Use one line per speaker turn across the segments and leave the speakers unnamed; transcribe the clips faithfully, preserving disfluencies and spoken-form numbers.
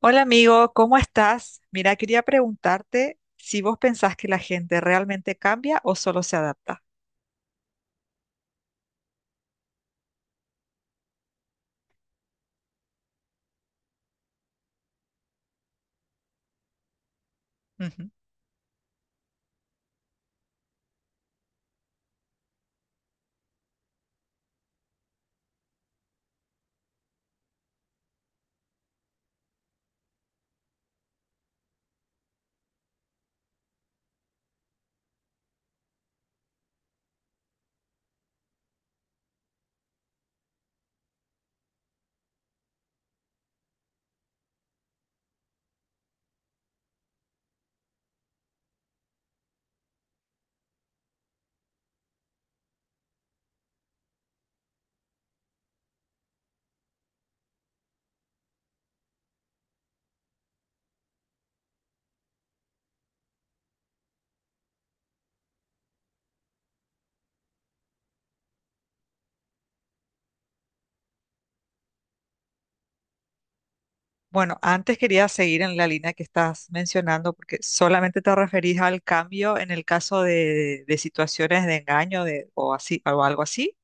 Hola amigo, ¿cómo estás? Mira, quería preguntarte si vos pensás que la gente realmente cambia o solo se adapta. Ujú. Bueno, antes quería seguir en la línea que estás mencionando porque solamente te referís al cambio en el caso de, de situaciones de engaño de, o así, o algo así.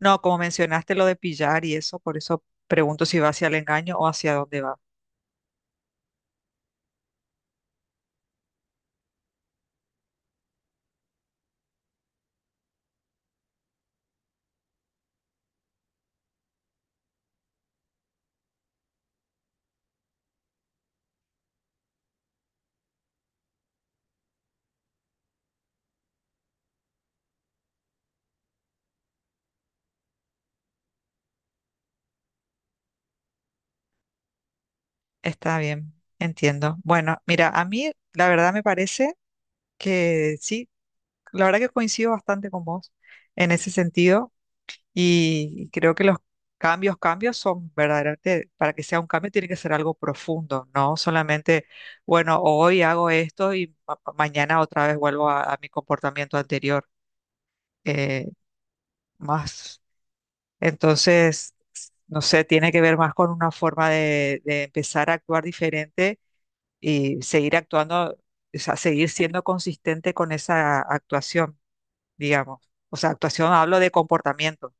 No, como mencionaste lo de pillar y eso, por eso pregunto si va hacia el engaño o hacia dónde va. Está bien, entiendo. Bueno, mira, a mí la verdad me parece que sí, la verdad que coincido bastante con vos en ese sentido, y creo que los cambios, cambios son verdaderamente, para que sea un cambio tiene que ser algo profundo, no solamente, bueno, hoy hago esto y ma- mañana otra vez vuelvo a, a mi comportamiento anterior. Eh, más Entonces, no sé, tiene que ver más con una forma de, de empezar a actuar diferente y seguir actuando, o sea, seguir siendo consistente con esa actuación, digamos. O sea, actuación hablo de comportamiento.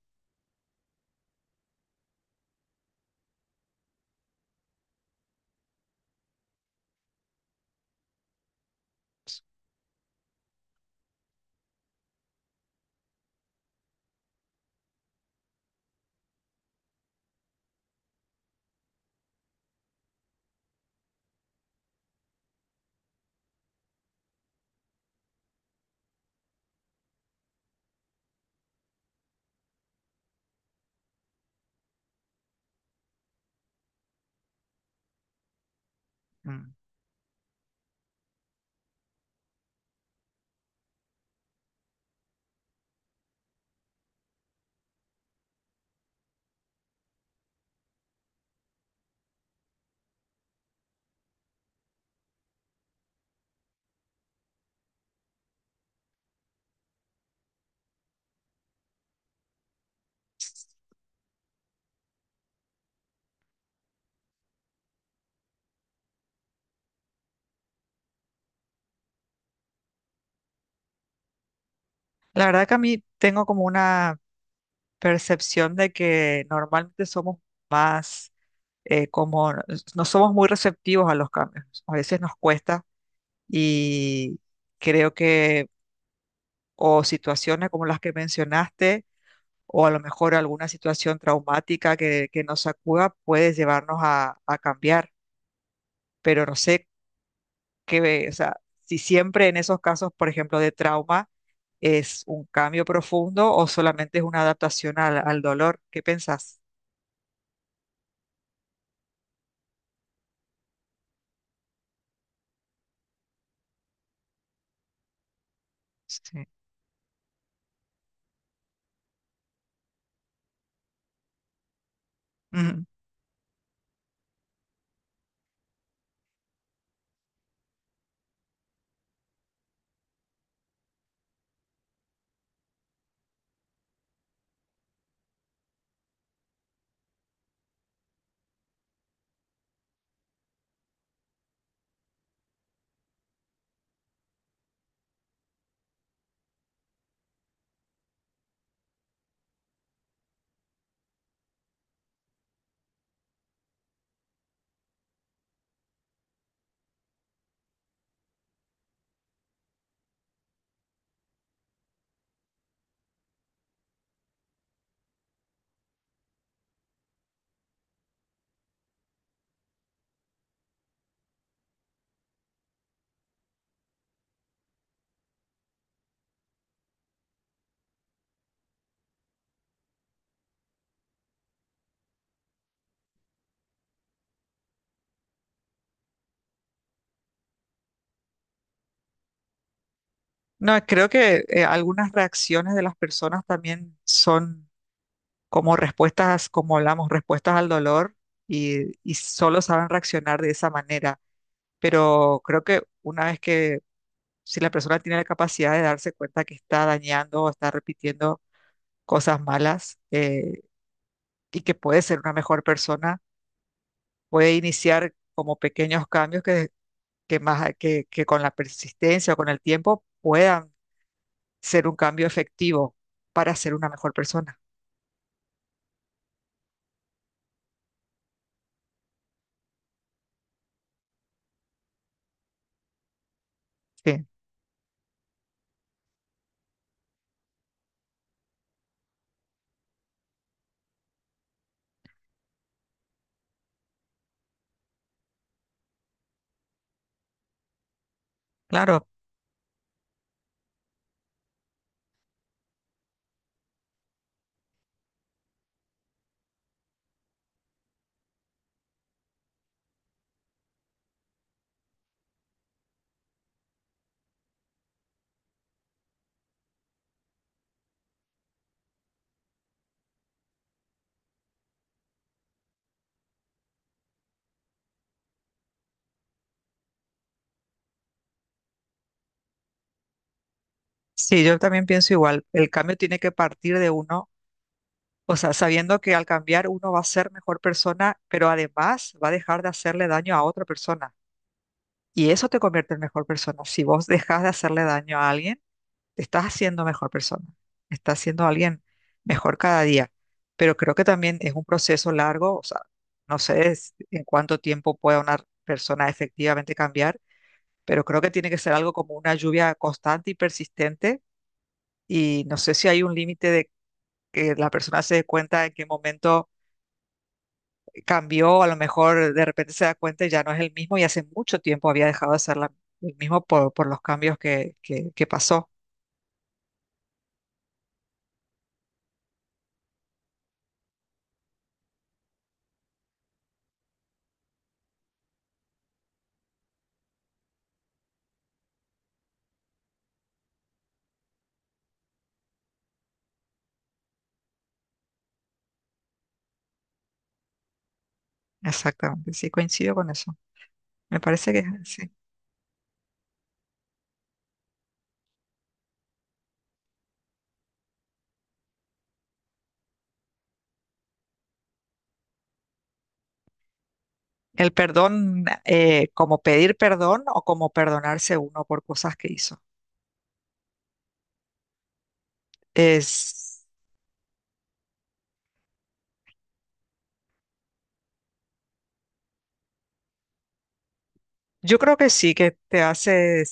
Mm. La verdad que a mí tengo como una percepción de que normalmente somos más eh, como, no somos muy receptivos a los cambios. A veces nos cuesta y creo que o situaciones como las que mencionaste, o a lo mejor alguna situación traumática que, que nos sacuda puede llevarnos a, a cambiar. Pero no sé qué, o sea, si siempre en esos casos, por ejemplo, de trauma, es un cambio profundo o solamente es una adaptación al, al dolor. ¿Qué pensás? Sí. Ujú. No, creo que eh, algunas reacciones de las personas también son como respuestas, como hablamos, respuestas al dolor y, y solo saben reaccionar de esa manera. Pero creo que una vez que si la persona tiene la capacidad de darse cuenta que está dañando o está repitiendo cosas malas, eh, y que puede ser una mejor persona, puede iniciar como pequeños cambios que, que más, que, que con la persistencia o con el tiempo puedan ser un cambio efectivo para ser una mejor persona. Sí, claro. Sí, yo también pienso igual. El cambio tiene que partir de uno, o sea, sabiendo que al cambiar uno va a ser mejor persona, pero además va a dejar de hacerle daño a otra persona. Y eso te convierte en mejor persona. Si vos dejas de hacerle daño a alguien, te estás haciendo mejor persona. Estás siendo alguien mejor cada día. Pero creo que también es un proceso largo. O sea, no sé es- en cuánto tiempo pueda una persona efectivamente cambiar, pero creo que tiene que ser algo como una lluvia constante y persistente. Y no sé si hay un límite de que la persona se dé cuenta en qué momento cambió, a lo mejor de repente se da cuenta y ya no es el mismo y hace mucho tiempo había dejado de ser la- el mismo por, por los cambios que, que, que pasó. Exactamente, sí, coincido con eso. Me parece que sí. El perdón, eh, ¿como pedir perdón o como perdonarse uno por cosas que hizo? Es, yo creo que sí, que te hace,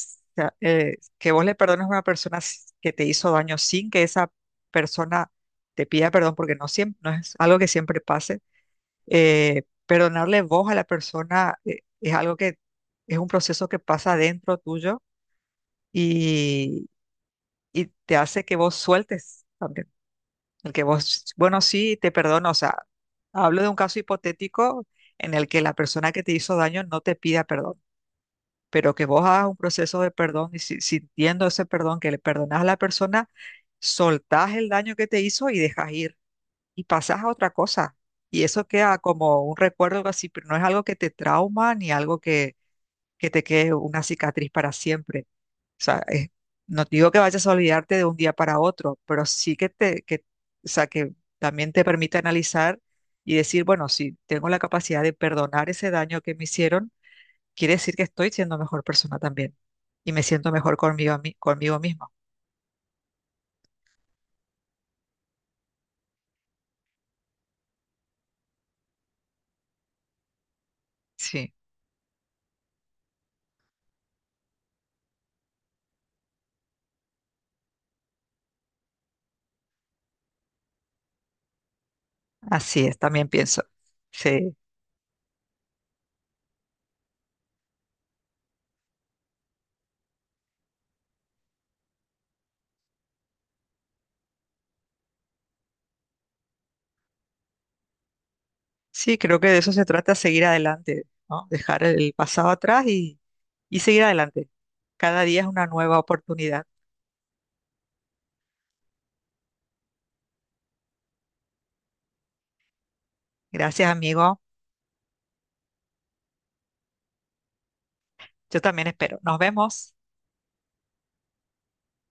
que vos le perdones a una persona s- que te hizo daño sin que esa persona te pida perdón, porque no siempre, no es algo que siempre pase. Eh, perdonarle vos a la persona, eh, es algo que es un proceso que pasa dentro tuyo, y, y te hace que vos sueltes también. El que vos, bueno, sí, te perdono. O sea, hablo de un caso hipotético en el que la persona que te hizo daño no te pida perdón, pero que vos hagas un proceso de perdón y si- sintiendo ese perdón que le perdonás a la persona, soltás el daño que te hizo y dejas ir y pasas a otra cosa. Y eso queda como un recuerdo algo así, pero no es algo que te trauma ni algo que, que te quede una cicatriz para siempre. O sea, es- no te digo que vayas a olvidarte de un día para otro, pero sí que te, que, o sea, que también te permite analizar y decir, bueno, si tengo la capacidad de perdonar ese daño que me hicieron, quiere decir que estoy siendo mejor persona también y me siento mejor conmigo, mi- conmigo mismo. Sí, así es, también pienso. Sí. Sí, creo que de eso se trata, seguir adelante, ¿no? Dejar el pasado atrás y, y seguir adelante. Cada día es una nueva oportunidad. Gracias, amigo. Yo también espero. Nos vemos.